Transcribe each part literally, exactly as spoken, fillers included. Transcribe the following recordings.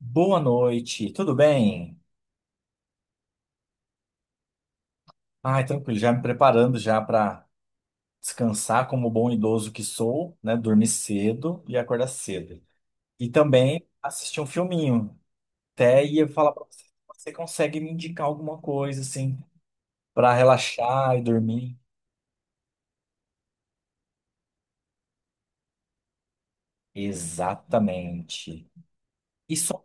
Boa noite, tudo bem? Ai, tranquilo, já me preparando já para descansar como bom idoso que sou, né? Dormir cedo e acordar cedo. E também assistir um filminho. Até ia falar para você, você consegue me indicar alguma coisa assim para relaxar e dormir? Exatamente. E só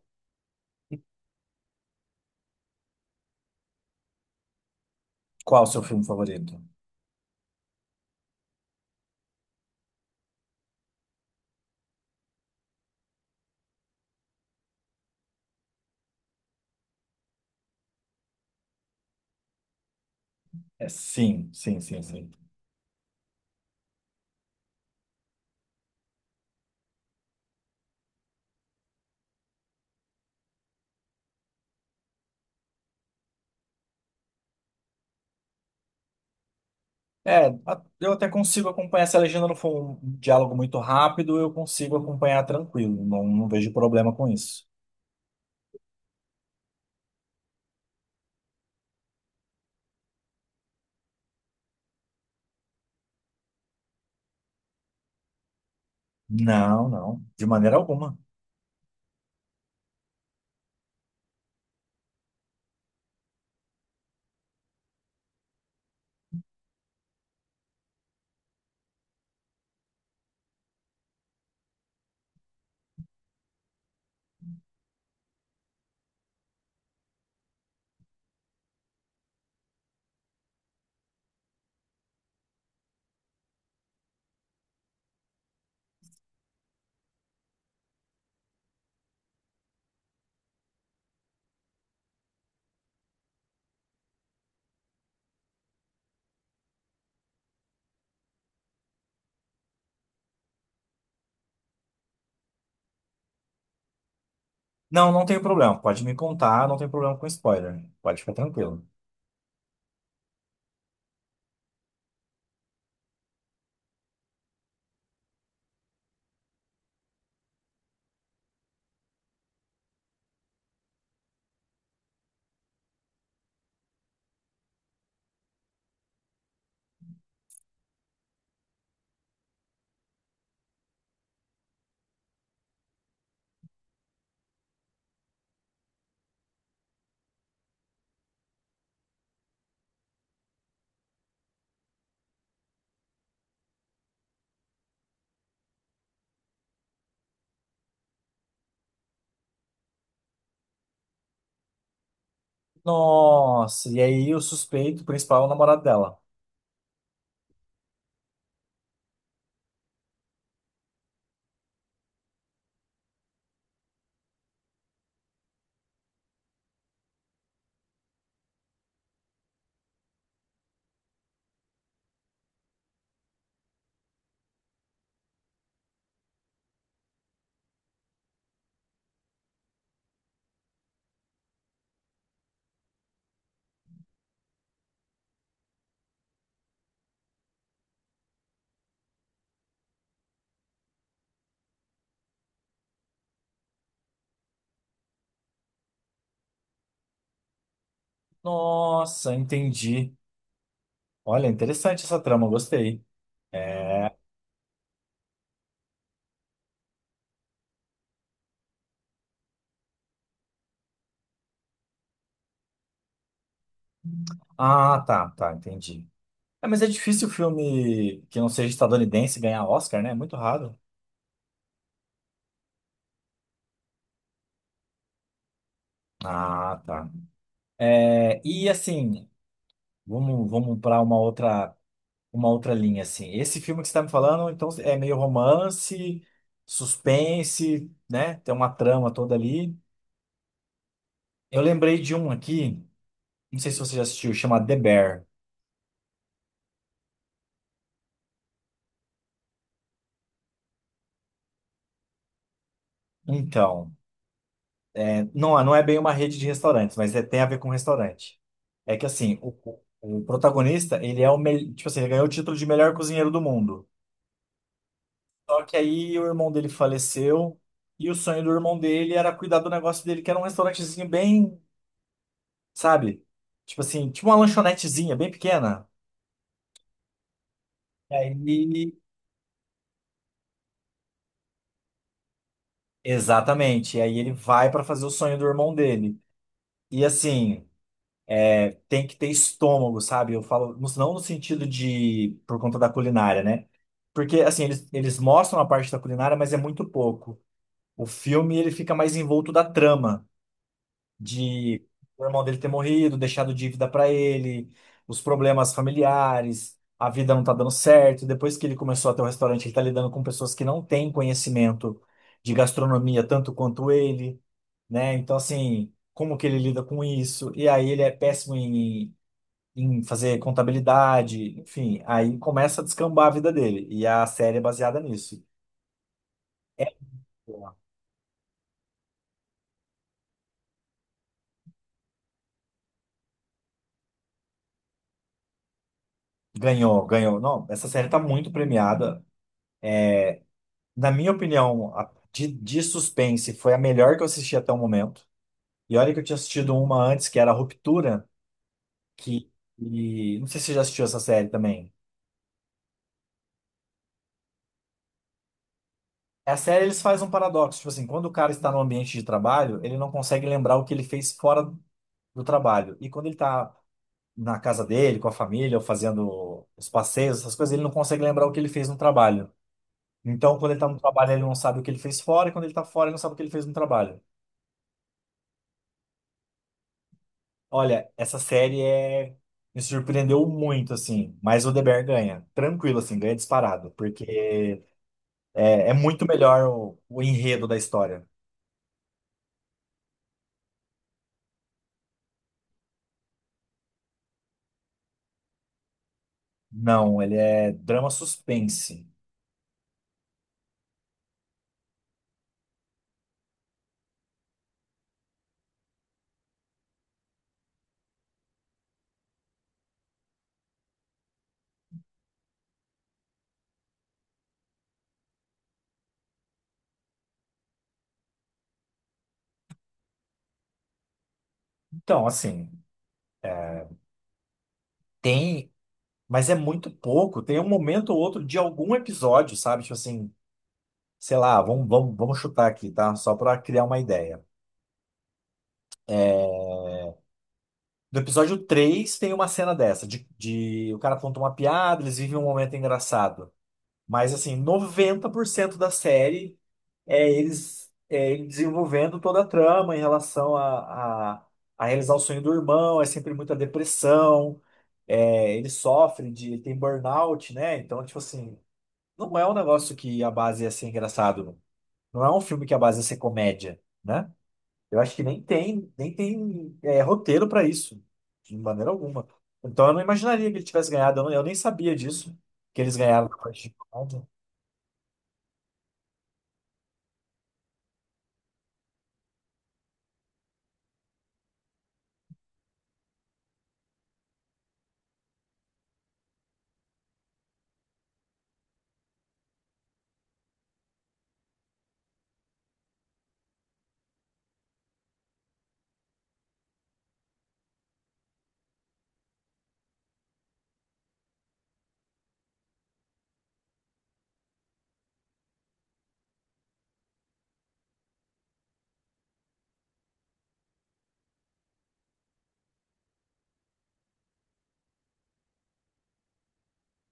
qual o seu filme favorito? É, sim, sim, sim, sim. É, a- eu até consigo acompanhar. Se a legenda não for um diálogo muito rápido, eu consigo acompanhar tranquilo. Não, não vejo problema com isso. Não, não, de maneira alguma. Não, não tem problema. Pode me contar, não tem problema com spoiler. Pode ficar tranquilo. Nossa, e aí o suspeito principal é o namorado dela. Nossa, entendi. Olha, interessante essa trama, gostei. É. Ah, tá, tá, entendi. É, mas é difícil o filme que não seja estadunidense ganhar Oscar, né? É muito raro. Ah, tá. É, e assim, vamos, vamos para uma outra, uma outra linha assim. Esse filme que você está me falando, então é meio romance, suspense, né? Tem uma trama toda ali. Eu lembrei de um aqui, não sei se você já assistiu, chama The Bear. Então, é, não, não é bem uma rede de restaurantes, mas é- tem a ver com restaurante. É que assim, o, o protagonista, ele é o melhor, tipo assim, ele ganhou o título de melhor cozinheiro do mundo. Só que aí o irmão dele faleceu e o sonho do irmão dele era cuidar do negócio dele, que era um restaurantezinho bem, sabe? Tipo assim, tipo uma lanchonetezinha bem pequena. E aí, exatamente. E aí ele vai pra fazer o sonho do irmão dele. E assim, tem que ter estômago, sabe? Eu falo, no- não no sentido de por conta da culinária, né? Porque assim, eles, eles mostram a parte da culinária, mas é muito pouco. O filme ele fica mais envolto da trama de o irmão dele ter morrido, deixado dívida para ele, os problemas familiares, a vida não tá dando certo. Depois que ele começou a ter o restaurante, ele tá lidando com pessoas que não têm conhecimento de gastronomia tanto quanto ele, né? Então, assim, como que ele lida com isso? E aí ele é péssimo em, em fazer contabilidade, enfim, aí começa a descambar a vida dele. E a série é baseada nisso. Ganhou, ganhou. Não, essa série tá muito premiada. Na minha opinião, a- de, de suspense foi a melhor que eu assisti até o momento. E olha que eu tinha assistido uma antes, que era Ruptura, que. E, não sei se você já assistiu essa série também. A série eles fazem um paradoxo, tipo assim, quando o cara está no ambiente de trabalho, ele não consegue lembrar o que ele fez fora do trabalho. E quando ele está na casa dele, com a família, ou fazendo os passeios, essas coisas, ele não consegue lembrar o que ele fez no trabalho. Então, quando ele está no trabalho, ele não sabe o que ele fez fora, e quando ele está fora, ele não sabe o que ele fez no trabalho. Olha, essa série é... me surpreendeu muito, assim. Mas o The Bear ganha. Tranquilo, assim, ganha disparado. Porque é, é muito melhor o, o enredo da história. Não, ele é drama suspense. Então, assim, tem. Mas é muito pouco. Tem um momento ou outro de algum episódio, sabe? Tipo assim, sei lá, vamos, vamos, vamos chutar aqui, tá? Só pra criar uma ideia. No episódio três tem uma cena dessa, de, de o cara conta uma piada, eles vivem um momento engraçado. Mas assim, noventa por cento da série é eles é ele desenvolvendo toda a trama em relação a, a, a realizar o sonho do irmão, é sempre muita depressão, é, ele sofre de, ele tem burnout, né? Então, tipo assim, não é um negócio que a base ia ser engraçado, não Não é um filme que a base ia ser comédia, né? Eu acho que nem tem, nem tem é, roteiro para isso, de maneira alguma. Então eu não imaginaria que ele tivesse ganhado, eu, não- eu nem sabia disso, que eles ganharam na parte de.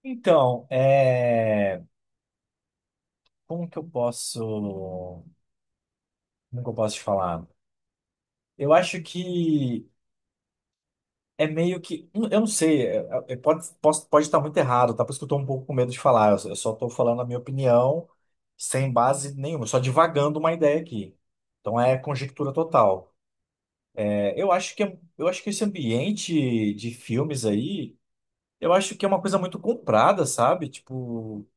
Então, é, como que eu posso. Como que eu posso te falar? Eu acho que é meio que. hum, Eu não sei, é- é- é, pode, posso- pode estar muito errado, tá? Por isso que eu tô um pouco com medo de falar. Eu só eu só tô falando a minha opinião sem base nenhuma, só divagando uma ideia aqui. Então é conjectura total. É, eu acho que, é- eu acho que esse ambiente de filmes aí, eu acho que é uma coisa muito comprada, sabe? Tipo.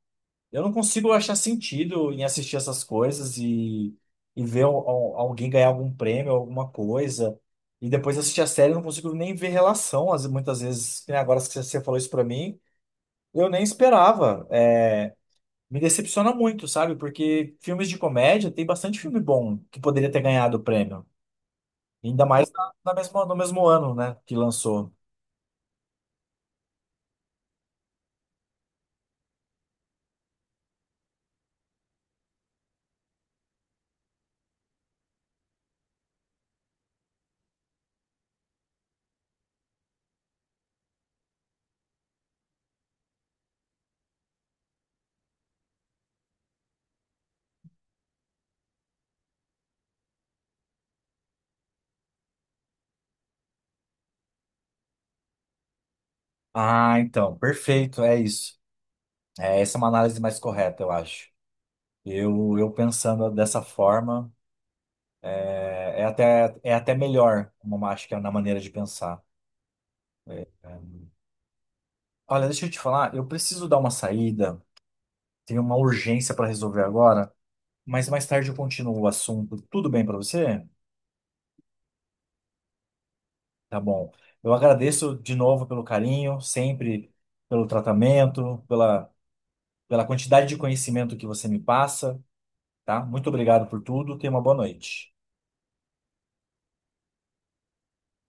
Eu não consigo achar sentido em assistir essas coisas e, e ver al- al- alguém ganhar algum prêmio, alguma coisa. E depois assistir a série, eu não consigo nem ver relação. Às- Muitas vezes, que nem agora que você falou isso pra mim, eu nem esperava. É, me decepciona muito, sabe? Porque filmes de comédia, tem bastante filme bom que poderia ter ganhado o prêmio. Ainda mais na, na mesma, no mesmo ano, né, que lançou. Ah, então, perfeito, é isso. É, essa é uma análise mais correta, eu acho. Eu, eu pensando dessa forma. É é até, é até melhor, como acho que é na maneira de pensar. É. Olha, deixa eu te falar, eu preciso dar uma saída, tenho uma urgência para resolver agora, mas mais tarde eu continuo o assunto. Tudo bem para você? Tá bom. Eu agradeço de novo pelo carinho, sempre pelo tratamento, pela, pela quantidade de conhecimento que você me passa, tá? Muito obrigado por tudo, tenha uma boa noite.